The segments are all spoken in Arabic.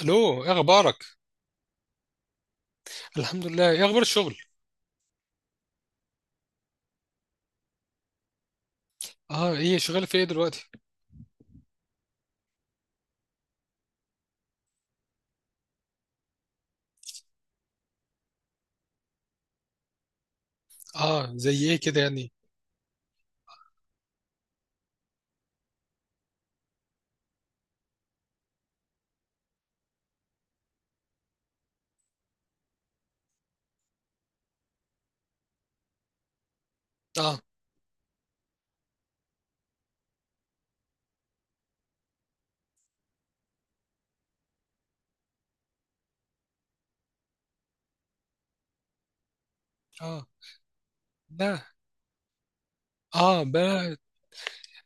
الو، ايه اخبارك؟ الحمد لله. ايه اخبار الشغل؟ اه. ايه شغال في ايه دلوقتي؟ اه، زي ايه كده يعني؟ اه. اه. لا. اه بقى.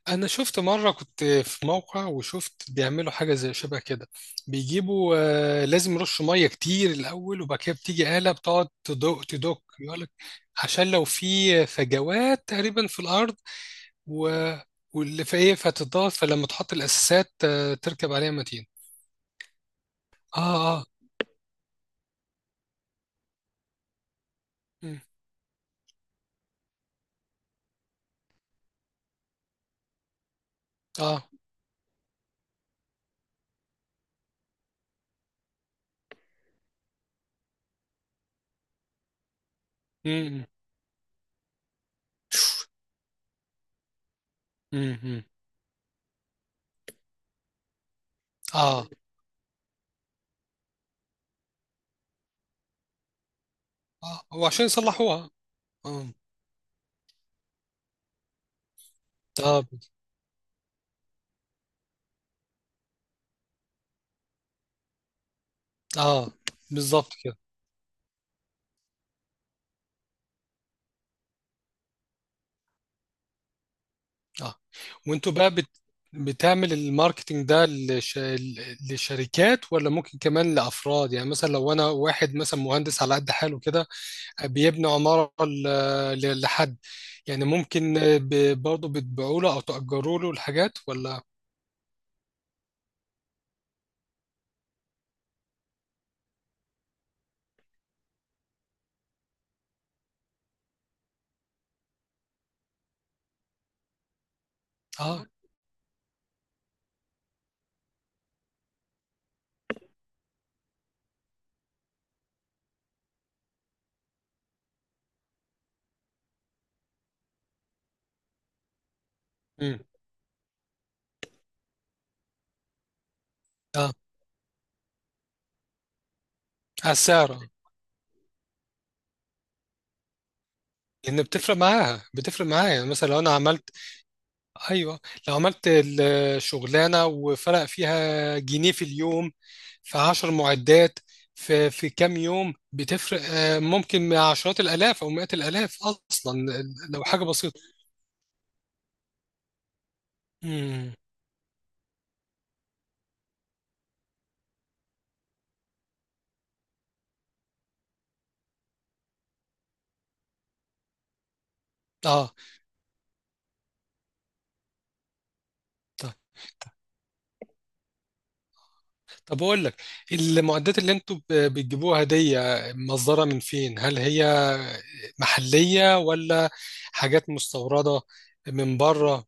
انا شفت مره كنت في موقع وشفت بيعملوا حاجه زي شبه كده بيجيبوا. آه، لازم يرشوا ميه كتير الاول، وبعد كده بتيجي آلة بتقعد تدق تدق يقول لك عشان لو في فجوات تقريبا في الارض، و واللي في ايه فتضاف، فلما تحط الاساسات تركب عليها متين. اه. اه. مم، اه. مم. امم. اه. اه، هو عشان يصلحوها. اه. اه. اه بالظبط كده. اه، وانتوا بقى بتعمل الماركتينج ده لشركات، ولا ممكن كمان لافراد؟ يعني مثلا لو انا واحد مثلا مهندس على قد حاله كده، بيبني عمارة لحد، يعني ممكن برضه بتبيعوا له او تأجروا له الحاجات ولا؟ اه. امم. اه، على السعر، لان بتفرق معاها، بتفرق معايا. يعني مثلا لو انا عملت. ايوه، لو عملت الشغلانه وفرق فيها جنيه في اليوم في 10 معدات، في كام يوم بتفرق ممكن مع عشرات الالاف او مئات الالاف. اصلا لو حاجه بسيطه. امم. اه. طيب. طب اقول لك، المعدات اللي انتوا بتجيبوها دي، مصدرها من فين؟ هل هي محليه ولا حاجات مستورده من بره؟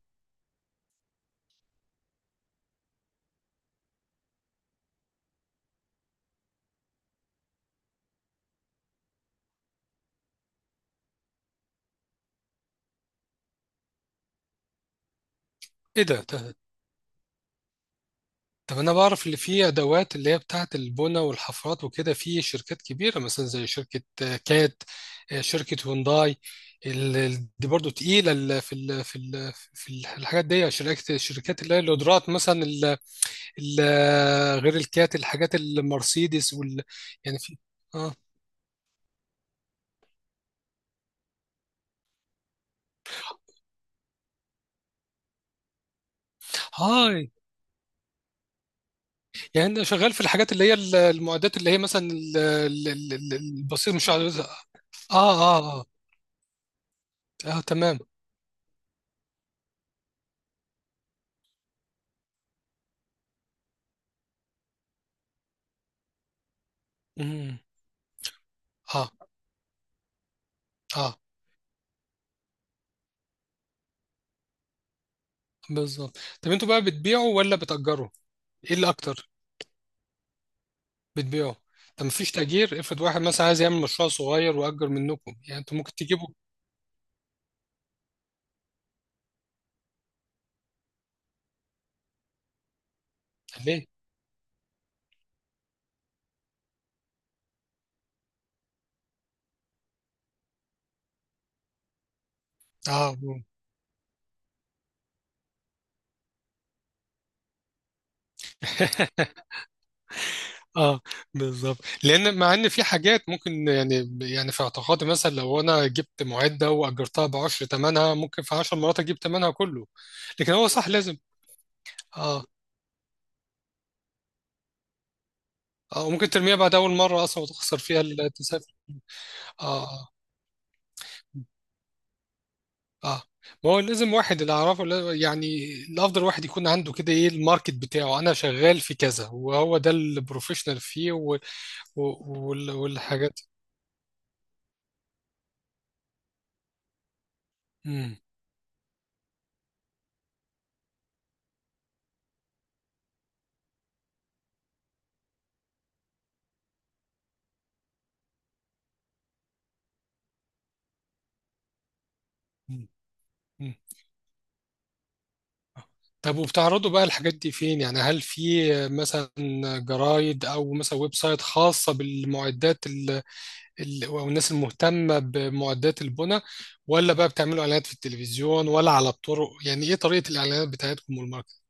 ايه ده. طب انا بعرف اللي فيه ادوات اللي هي بتاعه البنى والحفرات وكده، في شركات كبيره مثلا زي شركه كات، شركه هونداي. دي برضو تقيله. الحاجات دي شركات، الشركات اللي هي القدرات مثلا غير الكات، الحاجات المرسيدس وال... يعني في. اه. هاي. يعني انا شغال في الحاجات اللي هي المعدات اللي هي مثلا البسيط، مش عارف. اه. اه، اه. آه تمام. مم. اه. اه بالظبط. طب انتوا بقى بتبيعوا ولا بتأجروا؟ ايه اللي اكتر؟ بتبيعوا؟ طب مفيش تأجير؟ افرض واحد مثلا عايز يعمل مشروع صغير، وأجر منكم، يعني انتوا ممكن تجيبوا. ليه؟ اه. اه، بالظبط. لان مع ان في حاجات ممكن، يعني يعني في اعتقادي مثلا لو انا جبت معده واجرتها ب 10، ثمنها ممكن في 10 مرات اجيب ثمنها كله. لكن هو صح، لازم. اه. اه، وممكن ترميها بعد اول مره اصلا وتخسر فيها التسافر. اه. آه. اه. ما هو لازم واحد، اللي اعرفه يعني الافضل واحد يكون عنده كده، ايه الماركت بتاعه، انا شغال في كذا، وهو ده البروفيشنال فيه، و... و... والحاجات. مم. مم. مم. طب وبتعرضوا بقى الحاجات دي فين؟ يعني هل في مثلا جرايد، او مثلا ويب سايت خاصة بالمعدات او الناس المهتمة بمعدات البنى، ولا بقى بتعملوا اعلانات في التلفزيون ولا على الطرق؟ يعني ايه طريقة الاعلانات بتاعتكم والماركت؟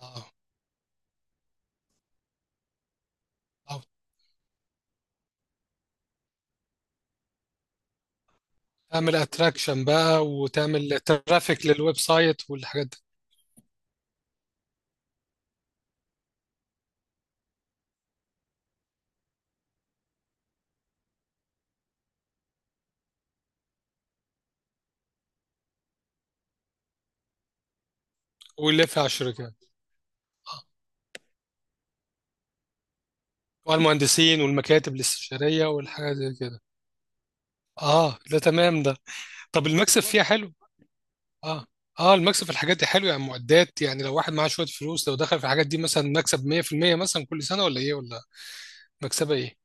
اه. آه. تعمل اتراكشن بقى وتعمل ترافيك للويب سايت والحاجات دي. ويلف على الشركات. اه، والمهندسين والمكاتب الاستشارية والحاجات زي كده. اه، ده تمام ده. طب المكسب فيها حلو؟ اه. اه، المكسب في الحاجات دي حلو؟ يعني معدات، يعني لو واحد معاه شوية فلوس لو دخل في الحاجات دي مثلا، مكسب 100% مثلا كل سنة، ولا ايه، ولا؟ مكسبة ايه؟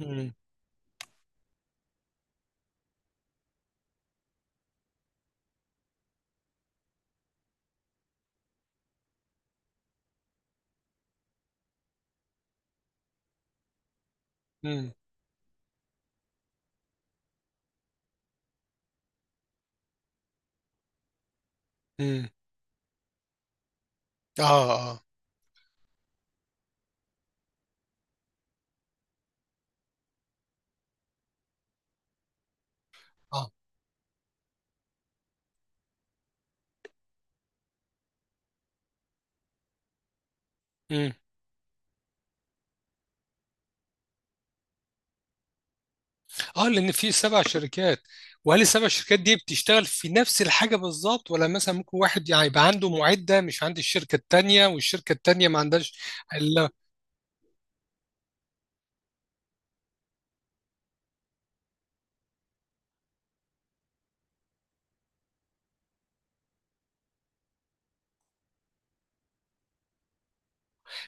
امم. امم. امم. اه. اه. اه. اه، لان في 7 شركات. وهل السبع شركات دي بتشتغل في نفس الحاجه بالظبط، ولا مثلا ممكن واحد يعني يبقى عنده معده مش عند الشركه التانيه، والشركه التانيه ما عندهاش؟ الا.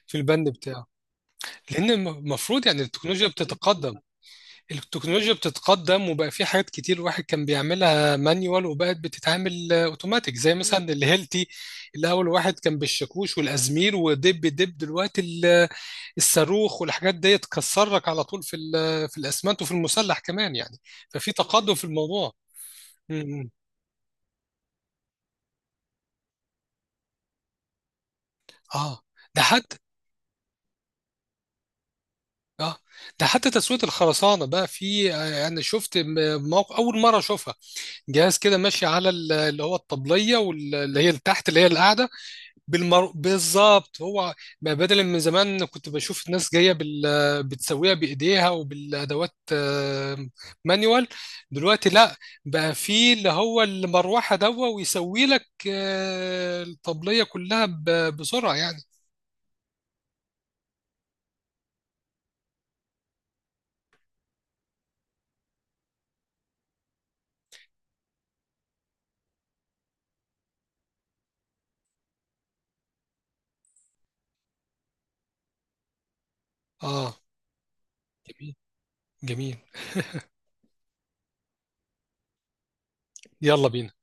في البند بتاعه. لان المفروض يعني التكنولوجيا بتتقدم. التكنولوجيا بتتقدم، وبقى في حاجات كتير الواحد كان بيعملها مانيوال، وبقت بتتعمل اوتوماتيك، زي مثلا الهيلتي. الاول واحد كان بالشاكوش والازمير ودب دب، دلوقتي الصاروخ والحاجات دي تكسرك على طول في في الاسمنت وفي المسلح كمان يعني. ففي تقدم في الموضوع. امم. اه ده حتى. اه ده حتى تسوية الخرسانة بقى في. انا شفت موقع اول مرة اشوفها. جهاز كده ماشي على اللي هو الطبلية، واللي هي اللي تحت اللي هي القاعدة. بالظبط هو. بقى بدل من زمان كنت بشوف الناس جايه بتسويها بايديها وبالادوات مانيوال. دلوقتي لا، بقى في اللي هو المروحه دوا ويسوي لك الطبليه كلها بسرعه يعني. اه. جميل. جميل. يلا بينا.